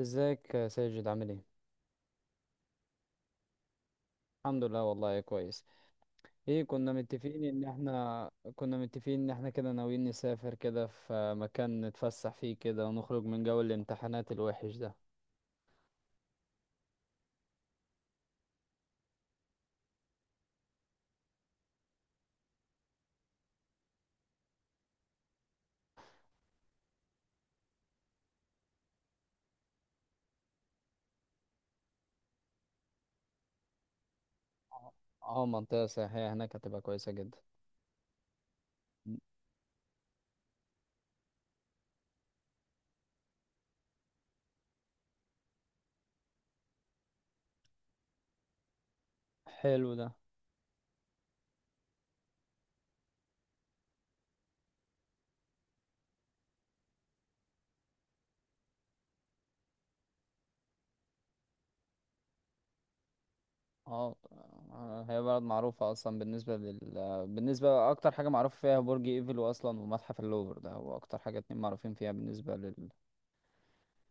ازيك يا ساجد، عامل ايه؟ الحمد لله، والله كويس. ايه، كنا متفقين ان احنا كده ناويين نسافر كده في مكان نتفسح فيه كده، ونخرج من جو الامتحانات الوحش ده. اه. منطقة سياحية هناك، هتبقى كويسة جدا. حلو ده. اه. هي بلد معروفة اصلا بالنسبة، اكتر حاجة معروف فيها برج ايفل اصلا، ومتحف اللوفر، ده هو اكتر حاجة اتنين معروفين فيها، بالنسبة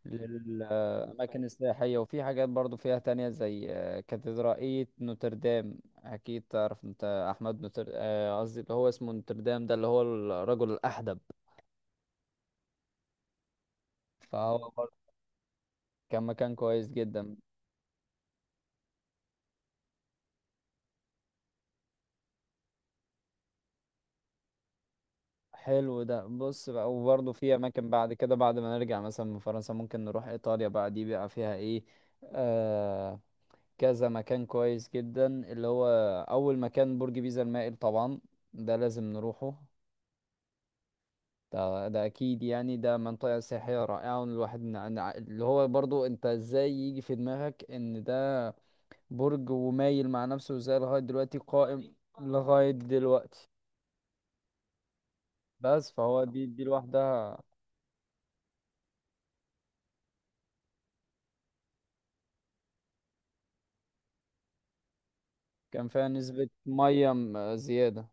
للأماكن السياحية. وفي حاجات برضو فيها تانية زي كاتدرائية نوتردام، أكيد تعرف أنت. أحمد نوتر، قصدي اللي هو اسمه نوتردام، ده اللي هو الرجل الأحدب. فهو برضو كان مكان كويس جدا. حلو ده. بص بقى، وبرضو في أماكن بعد كده، بعد ما نرجع مثلا من فرنسا، ممكن نروح إيطاليا بقى. دي بقى فيها إيه؟ آه كذا مكان كويس جدا، اللي هو أول مكان برج بيزا المائل طبعا. ده لازم نروحه. ده اكيد، يعني ده منطقة سياحية رائعة. والواحد اللي هو برضو، انت ازاي يجي في دماغك ان ده برج، ومايل مع نفسه، وازاي لغاية دلوقتي قائم؟ لغاية دلوقتي. بس فهو دي لوحدها. كان فيها نسبة مية زيادة.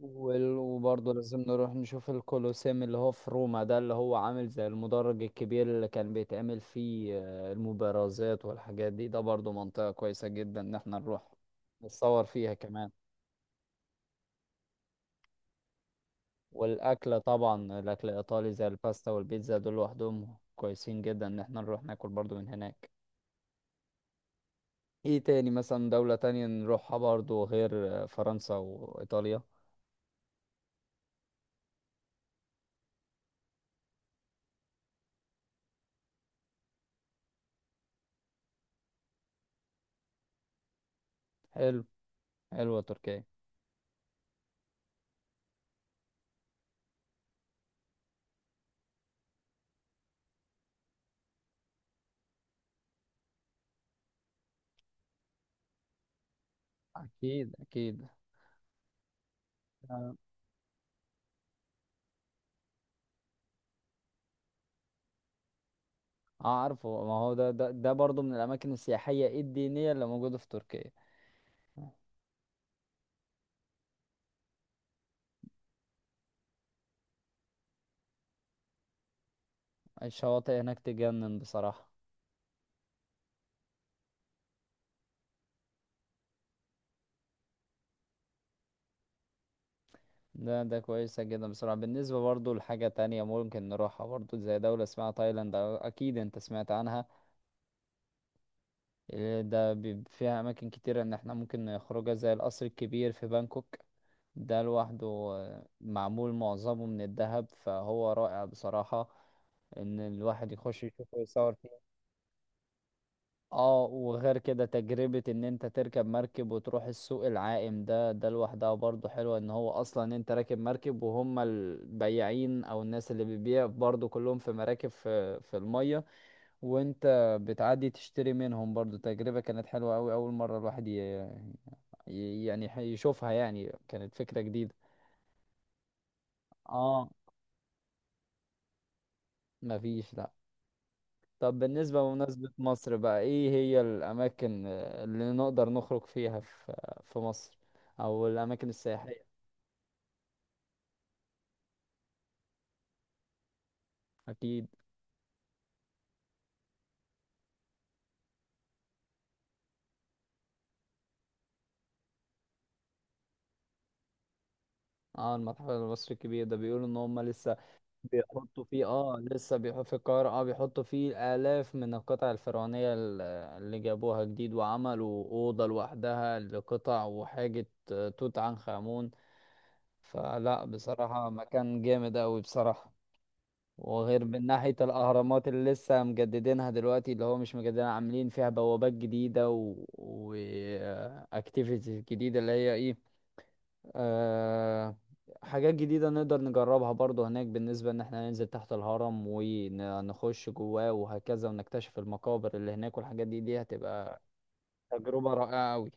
وبرضه لازم نروح نشوف الكولوسيوم، اللي هو في روما، ده اللي هو عامل زي المدرج الكبير اللي كان بيتعمل فيه المبارزات والحاجات دي. ده برضه منطقة كويسة جدا ان احنا نروح نتصور فيها كمان. والاكل طبعا، الاكل الايطالي زي الباستا والبيتزا، دول لوحدهم كويسين جدا ان احنا نروح ناكل برضو من هناك. ايه تاني مثلا دولة تانية نروحها برضو غير فرنسا وايطاليا؟ حلو. حلوة تركيا. اكيد، اكيد. آه. اه عارفه، ما هو ده برضو من الاماكن السياحية الدينية اللي موجودة في تركيا. الشواطئ هناك تجنن بصراحة. ده كويسة جدا بصراحة. بالنسبة برضو لحاجة تانية ممكن نروحها برضو، زي دولة اسمها تايلاند، أكيد أنت سمعت عنها. إيه ده، فيها اماكن كتيرة ان احنا ممكن نخرجها، زي القصر الكبير في بانكوك. ده لوحده، معمول معظمه من الذهب، فهو رائع بصراحة. ان الواحد يخش يشوفه ويصور فيه. اه. وغير كده، تجربة ان انت تركب مركب وتروح السوق العائم، ده لوحدها برضو حلوة. ان هو اصلا انت راكب مركب، وهم البياعين او الناس اللي بتبيع برضو كلهم في مراكب، في المية، وانت بتعدي تشتري منهم. برضو تجربة كانت حلوة أوي، أول مرة الواحد يشوفها، يعني كانت فكرة جديدة. اه. مفيش، لأ. طب بالنسبة لمناسبة مصر بقى، إيه هي الأماكن اللي نقدر نخرج فيها في مصر، أو الأماكن السياحية؟ أكيد. اه، المتحف المصري الكبير ده بيقولوا إن هما لسه بيحطوا فيه، لسه بيحطوا في القاهرة، بيحطوا فيه آلاف من القطع الفرعونية، اللي جابوها جديد، وعملوا أوضة لوحدها لقطع وحاجة توت عنخ آمون. فلا بصراحة مكان جامد أوي بصراحة. وغير من ناحية الأهرامات اللي لسه مجددينها دلوقتي، اللي هو مش مجددينها، عاملين فيها بوابات جديدة و activities جديدة، اللي هي ايه، آه، حاجات جديدة نقدر نجربها برضو هناك. بالنسبة ان احنا ننزل تحت الهرم ونخش جواه وهكذا، ونكتشف المقابر اللي هناك والحاجات دي، دي هتبقى تجربة رائعة قوي.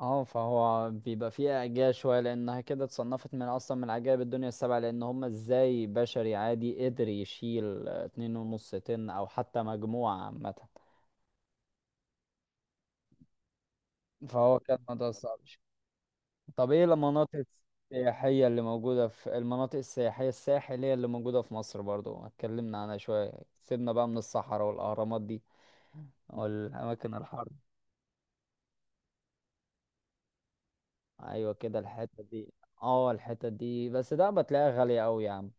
اه، فهو بيبقى فيها اعجاز شوية، لانها كده اتصنفت من، اصلا من عجائب الدنيا السبعة. لان هم ازاي بشري عادي قدر يشيل 2.5 طن، او حتى مجموعة عامة. فهو كان موضوع صعب. طب ايه المناطق السياحية اللي موجودة في، المناطق السياحية الساحلية اللي موجودة في مصر برضو، اتكلمنا عنها شوية. سيبنا بقى من الصحراء والأهرامات دي، والأماكن الحر. أيوة كده، الحتة دي. اه، الحتة دي، بس ده بتلاقيها غالية أوي يا عم.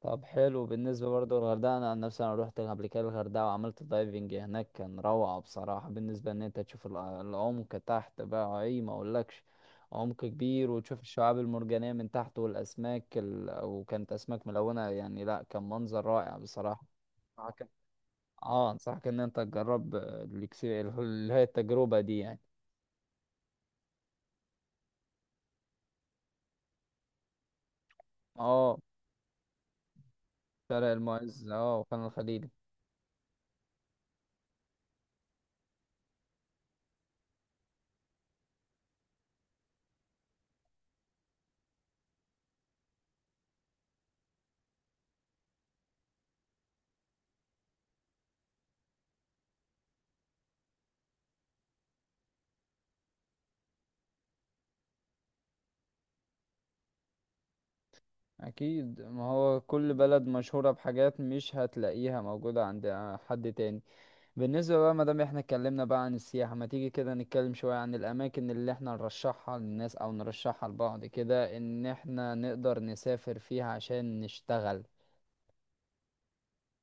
طب حلو. بالنسبة برضه للغردقة، أنا عن نفسي، أنا روحت قبل كده الغردقة، وعملت دايفنج هناك، كان روعة بصراحة. بالنسبة إن أنت تشوف العمق تحت بقى، أي ما أقولكش، عمق كبير، وتشوف الشعاب المرجانية من تحت، والأسماك وكانت أسماك ملونة، يعني لأ، كان منظر رائع بصراحة. أنصحك- اه انصحك ان انت تجرب اللي هي التجربة دي يعني. اه. شارع المعز، وخان الخليلي. اكيد، ما هو كل بلد مشهورة بحاجات مش هتلاقيها موجودة عند حد تاني. بالنسبة بقى، مادام احنا اتكلمنا بقى عن السياحة، ما تيجي كده نتكلم شوية عن الاماكن اللي احنا نرشحها للناس، او نرشحها لبعض كده، ان احنا نقدر نسافر فيها عشان نشتغل.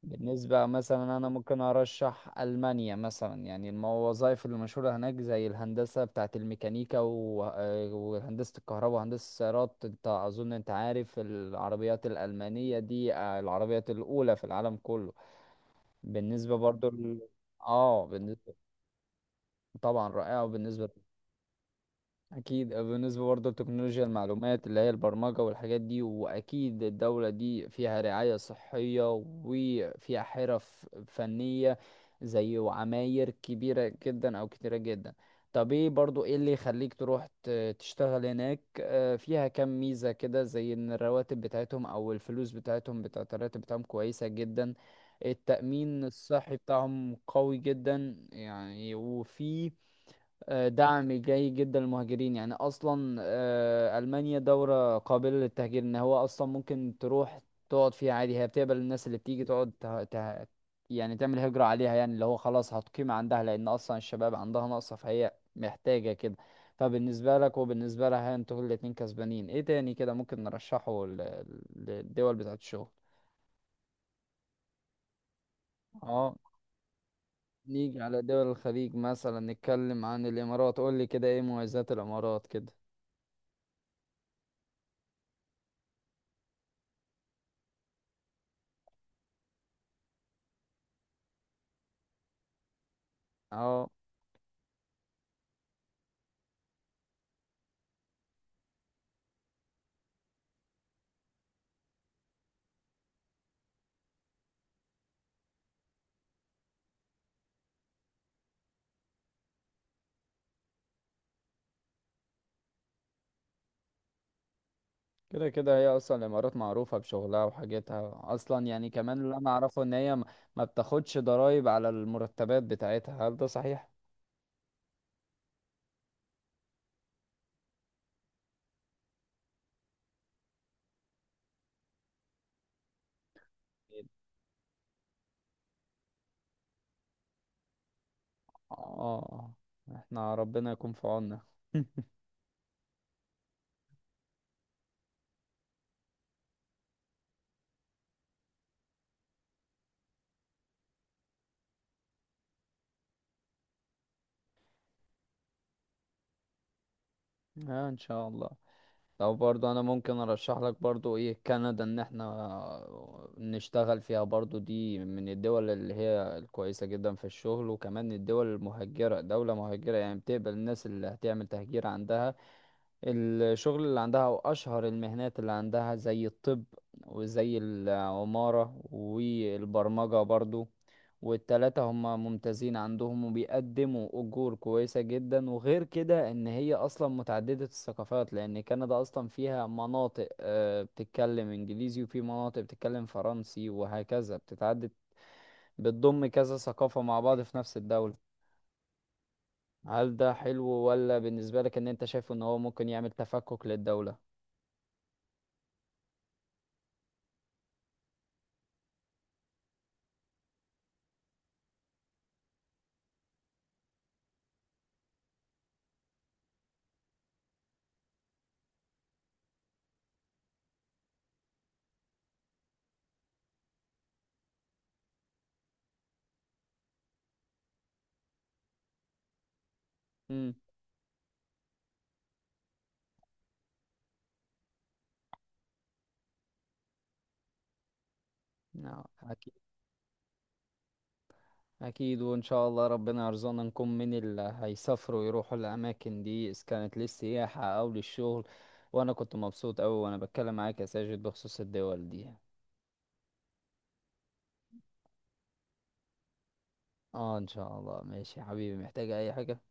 بالنسبة مثلا، أنا ممكن أرشح ألمانيا مثلا. يعني الوظائف المشهورة هناك زي الهندسة بتاعة الميكانيكا وهندسة الكهرباء وهندسة السيارات. أنت أظن أنت عارف العربيات الألمانية دي، العربيات الأولى في العالم كله. بالنسبة برضو ل... آه بالنسبة، طبعا رائعة، وبالنسبة. اكيد. بالنسبه برضه لتكنولوجيا المعلومات، اللي هي البرمجه والحاجات دي. واكيد الدوله دي فيها رعايه صحيه، وفيها حرف فنيه، زي وعماير كبيره جدا او كتيره جدا. طب ايه برضه ايه اللي يخليك تروح تشتغل هناك؟ فيها كام ميزه كده، زي ان الرواتب بتاعتهم او الفلوس بتاعتهم بتاعت الراتب بتاعهم كويسه جدا. التأمين الصحي بتاعهم قوي جدا يعني، وفي دعم جيد جدا للمهاجرين. يعني اصلا المانيا دوله قابله للتهجير، ان هو اصلا ممكن تروح تقعد فيها عادي، هي بتقبل الناس اللي بتيجي تقعد يعني تعمل هجره عليها، يعني اللي هو خلاص هتقيم عندها، لان اصلا الشباب عندها ناقصه، فهي محتاجه كده. فبالنسبه لك وبالنسبه لها، انتوا الاتنين كسبانين. ايه تاني كده ممكن نرشحه للدول بتاعت الشغل؟ اه. نيجي على دول الخليج مثلا، نتكلم عن الامارات. قول لي كده، ايه مميزات الامارات كده؟ اه. كده كده، هي اصلا الامارات معروفه بشغلها وحاجتها اصلا يعني. كمان اللي انا اعرفه ان هي ما بتاخدش ضرائب على المرتبات بتاعتها. هل ده صحيح؟ اه، احنا ربنا يكون في عوننا. اه، ان شاء الله. لو برضو انا ممكن ارشح لك برضو ايه، كندا ان احنا نشتغل فيها برضو. دي من الدول اللي هي الكويسة جدا في الشغل، وكمان الدول المهجرة، دولة مهجرة يعني بتقبل الناس اللي هتعمل تهجير عندها. الشغل اللي عندها او اشهر المهنات اللي عندها زي الطب، وزي العمارة والبرمجة برضو. والتلاتة هم ممتازين عندهم، وبيقدموا اجور كويسة جدا. وغير كده ان هي اصلا متعددة الثقافات، لان كندا اصلا فيها مناطق بتتكلم انجليزي، وفي مناطق بتتكلم فرنسي، وهكذا بتتعدد، بتضم كذا ثقافة مع بعض في نفس الدولة. هل ده حلو ولا بالنسبة لك ان انت شايف ان هو ممكن يعمل تفكك للدولة؟ نعم، أكيد. أكيد، وإن شاء الله ربنا يرزقنا نكون من اللي هيسافروا يروحوا الأماكن دي، إذا كانت للسياحة أو للشغل. وأنا كنت مبسوط أوي وأنا بتكلم معاك يا ساجد بخصوص الدول دي. اه إن شاء الله. ماشي يا حبيبي، محتاج أي حاجة؟